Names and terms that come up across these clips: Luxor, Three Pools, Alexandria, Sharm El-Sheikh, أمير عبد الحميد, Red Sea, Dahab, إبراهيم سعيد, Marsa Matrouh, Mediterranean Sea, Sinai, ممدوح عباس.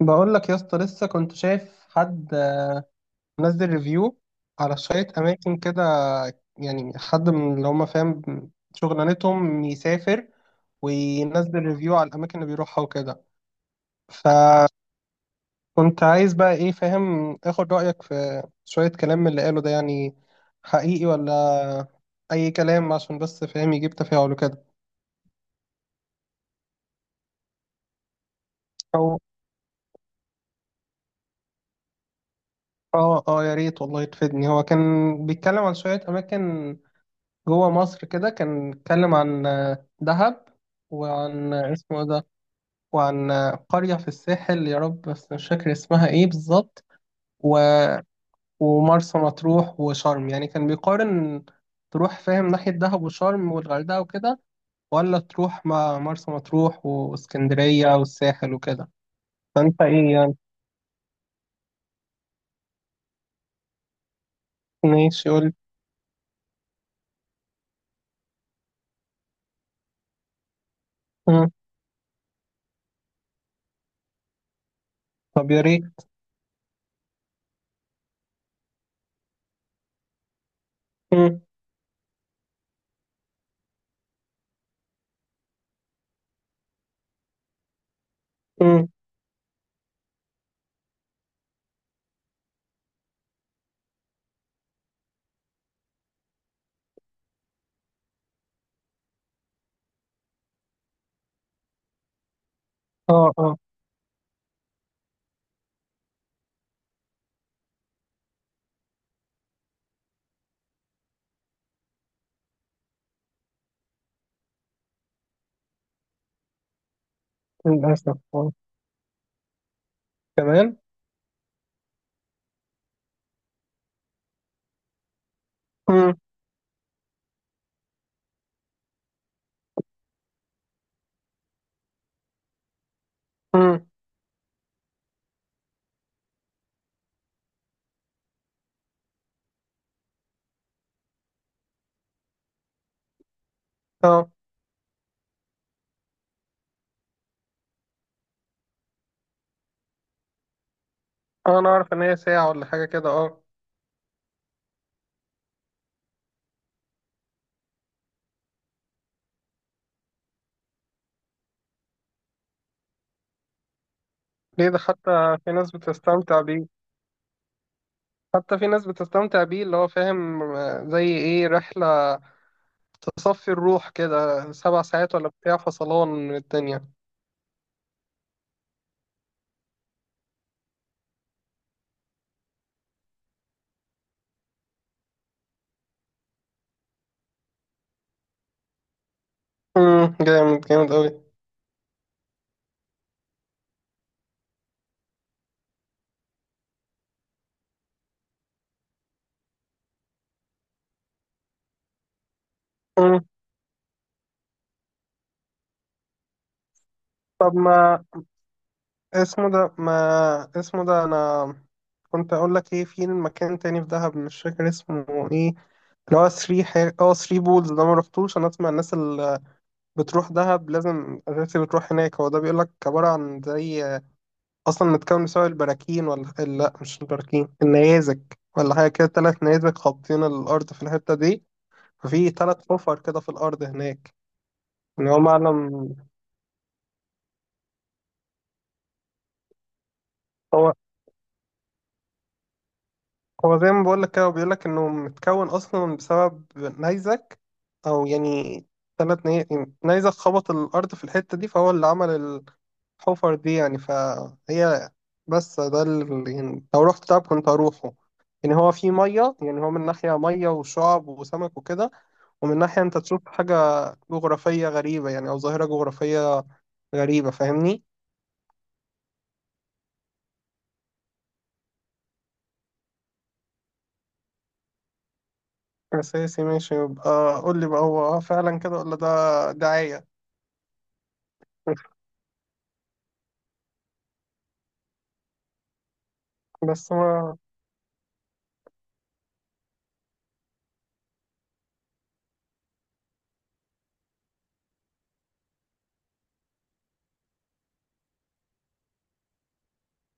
بقول لك يا اسطى لسه كنت شايف حد منزل ريفيو على شوية أماكن كده. يعني حد من اللي هم فاهم شغلانتهم يسافر وينزل ريفيو على الأماكن اللي بيروحها وكده. فكنت عايز بقى إيه فاهم آخد رأيك في شوية كلام من اللي قاله ده، يعني حقيقي ولا أي كلام عشان بس فاهم يجيب تفاعل وكده. أو آه آه، يا ريت والله تفيدني. هو كان بيتكلم عن شوية أماكن جوه مصر كده، كان اتكلم عن دهب، وعن اسمه إيه ده، وعن قرية في الساحل، يا رب بس مش فاكر اسمها ايه بالظبط. و- ومرسى مطروح وشرم. يعني كان بيقارن تروح فاهم ناحية دهب وشرم والغردقة وكده، ولا تروح مع مرسى مطروح واسكندرية والساحل وكده. فانت ايه يعني؟ ماشي، قول. مم. طب يا ريت. مم. مم. اه اه. للأسف آه. كمان. مم. مم. اه اه، انا اعرف ان هي ساعة ولا حاجة كده، اه. ليه ده، حتى في ناس بتستمتع بيه. حتى في ناس بتستمتع بيه، اللي هو فاهم زي ايه، رحلة تصفي الروح كده 7 ساعات ولا بتاع، فصلان من الدنيا. جامد جامد اوي. امم. طب، ما اسمه ده انا كنت اقول لك ايه، في مكان تاني في دهب مش فاكر اسمه ايه، اللي هو ثري حاجة، ثري بولز ده، ما رحتوش. انا اسمع الناس اللي بتروح دهب لازم اساسي بتروح هناك. هو ده بيقول لك عبارة عن زي، اصلا متكون بسبب البراكين، ولا لا مش البراكين، النيازك ولا حاجه كده، ثلاث نيازك خابطين الارض في الحته دي، ففي ثلاث حفر كده في الارض هناك. يعني هو معلم. هو هو زي ما بقول لك كده، بيقول لك انه متكون اصلا بسبب نيزك، او يعني ثلاث نيازك خبط الارض في الحته دي، فهو اللي عمل حفر دي يعني، فهي، بس ده يعني لو رحت دهب كنت هروحه. يعني هو في مية، يعني هو من ناحية مية وشعب وسمك وكده، ومن ناحية أنت تشوف حاجة جغرافية غريبة، يعني أو ظاهرة جغرافية غريبة، فاهمني؟ أساسي، ماشي، يبقى قول لي بقى هو فعلا كده ولا ده دعاية. بس ما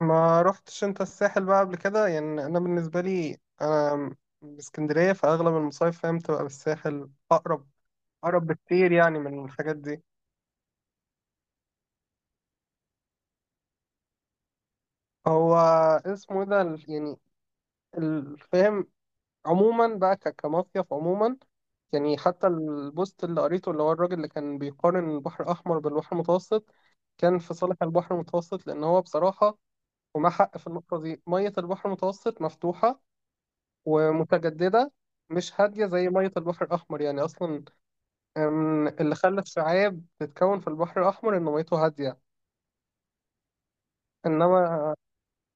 ما رحتش أنت الساحل بقى قبل كده. يعني أنا بالنسبة لي أنا من اسكندرية، فأغلب المصايف فاهم تبقى بالساحل أقرب. أقرب بكتير يعني من الحاجات دي. هو اسمه إيه ده يعني الفهم عموما بقى كمصيف عموما. يعني حتى البوست اللي قريته، اللي هو الراجل اللي كان بيقارن البحر الأحمر بالبحر المتوسط، كان في صالح البحر المتوسط، لأن هو بصراحة، ومع حق في النقطة دي، مية البحر المتوسط مفتوحة ومتجددة، مش هادية زي مية البحر الأحمر يعني. أصلا اللي خلى الشعاب تتكون في البحر الأحمر إن ميته هادية. إنما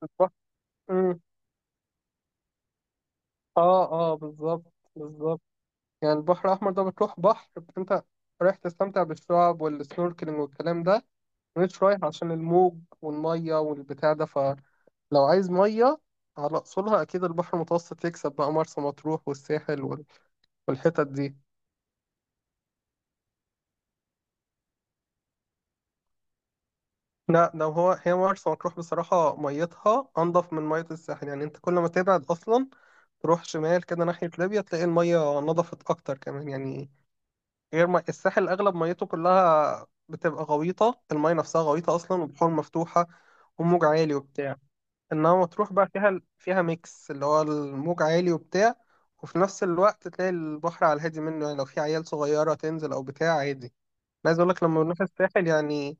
البحر، اه اه بالظبط بالظبط. يعني البحر الأحمر ده بتروح بحر، بس أنت رايح تستمتع بالشعاب والسنوركلينج والكلام ده، مش رايح عشان الموج والمية والبتاع ده. فلو عايز مية على أصولها، أكيد البحر المتوسط يكسب، بقى مرسى مطروح والساحل والحتت دي. لا ده هي مرسى مطروح بصراحة ميتها أنضف من مية الساحل. يعني أنت كل ما تبعد أصلا تروح شمال كده ناحية ليبيا تلاقي المية نضفت أكتر كمان يعني. غير ما الساحل اغلب ميته كلها بتبقى غويطه، المايه نفسها غويطه اصلا، وبحور مفتوحه وموج عالي وبتاع. انما مطروح بقى فيها ميكس، اللي هو الموج عالي وبتاع، وفي نفس الوقت تلاقي البحر على الهادي منه، يعني لو في عيال صغيره تنزل او بتاع عادي. أنا عايز اقول لك لما بنروح الساحل يعني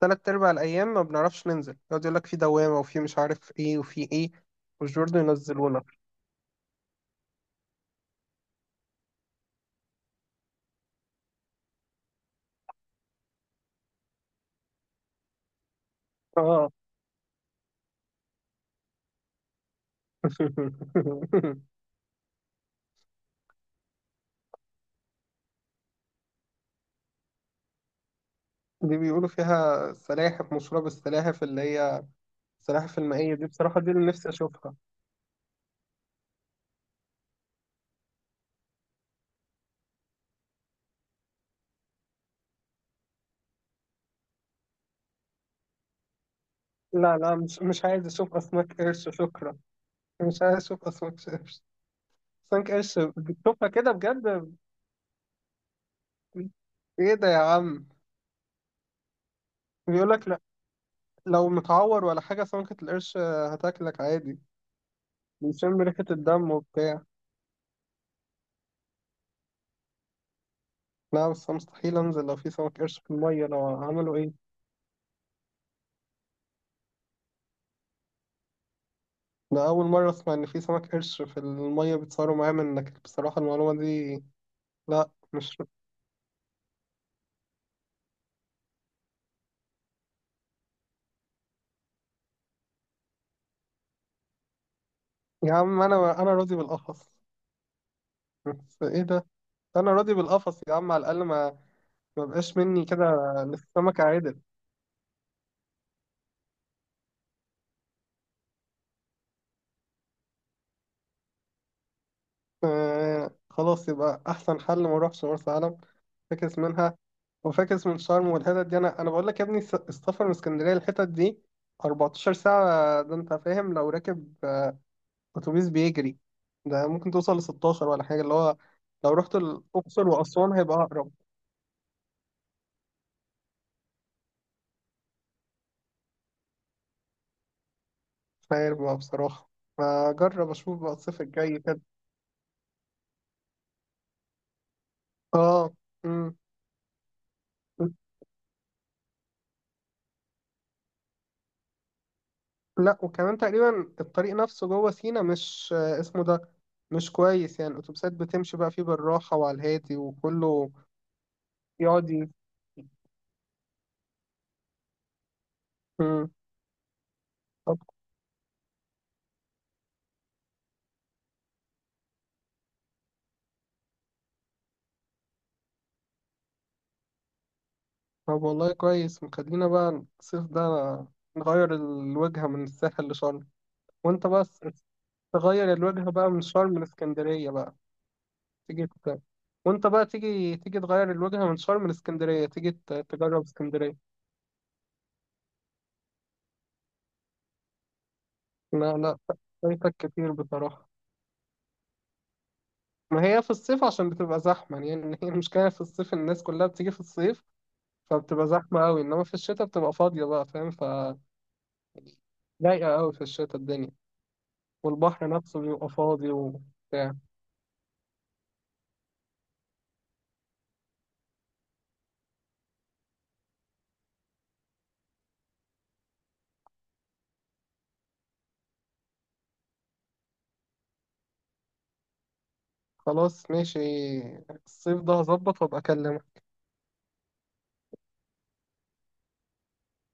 تلات ارباع الايام ما بنعرفش ننزل، يقعد يقول لك في دوامه وفي مش عارف ايه وفي ايه، مش برضه ينزلونا. اه. دي بيقولوا فيها سلاحف، مشهوره بالسلاحف اللي هي. صراحة فيلمائية دي، بصراحة دي اللي نفسي أشوفها. لا لا، مش مش عايز أشوف أسماك قرش، شكرا. مش عايز أشوف أسماك قرش. أسماك قرش بتشوفها كده بجد؟ إيه ده يا عم؟ بيقول لك لا، لو متعور ولا حاجة سمكة القرش هتاكلك عادي. بيشم ريحة الدم وبتاع. لا بس أنا مستحيل أنزل لو في سمك قرش في المية، لو عملوا إيه. ده أول مرة أسمع إن في سمك قرش في المية بيتصوروا معاه، منك بصراحة المعلومة دي. لا مش. يا عم أنا أنا راضي بالقفص، بس إيه ده. انا راضي بالقفص يا عم، على الاقل ما ما بقاش مني كده. للسمكة عدل. آه خلاص، يبقى احسن حل ما اروحش مرسى علم. فاكس منها، وفاكس من شرم والحتت دي. انا بقول لك يا ابني السفر من اسكندريه للحتت دي 14 ساعه، ده انت فاهم لو راكب اتوبيس بيجري ده ممكن توصل ل 16 ولا حاجه، اللي هو لو رحت الاقصر واسوان هيبقى اقرب. مش عارف بقى بصراحه، فجرب اشوف بقى الصيف الجاي كده. اه. امم. لا، وكمان تقريبا الطريق نفسه جوه سينا مش اسمه ده، مش كويس يعني، الأتوبيسات بتمشي بقى فيه بالراحة وعلى الهادي وكله. يقعد ي- مم. طب طب والله كويس مخلينا بقى الصيف ده نغير الوجهة من الساحل لشرم. وانت بس تغير الوجهة بقى من شرم لإسكندرية بقى، تيجي ت... وانت بقى تيجي تغير الوجهة من شرم لإسكندرية، تيجي تجرب اسكندرية. لا لا، فايتك كتير بصراحة. ما هي في الصيف عشان بتبقى زحمة، يعني هي المشكلة في الصيف إن الناس كلها بتيجي في الصيف، فبتبقى زحمة أوي، إنما في الشتاء بتبقى فاضية بقى فاهم. ضايقة أوي في الشتاء الدنيا. والبحر نفسه بيبقى فاضي وبتاع. خلاص ماشي، الصيف ده هظبط وأبقى أكلمك.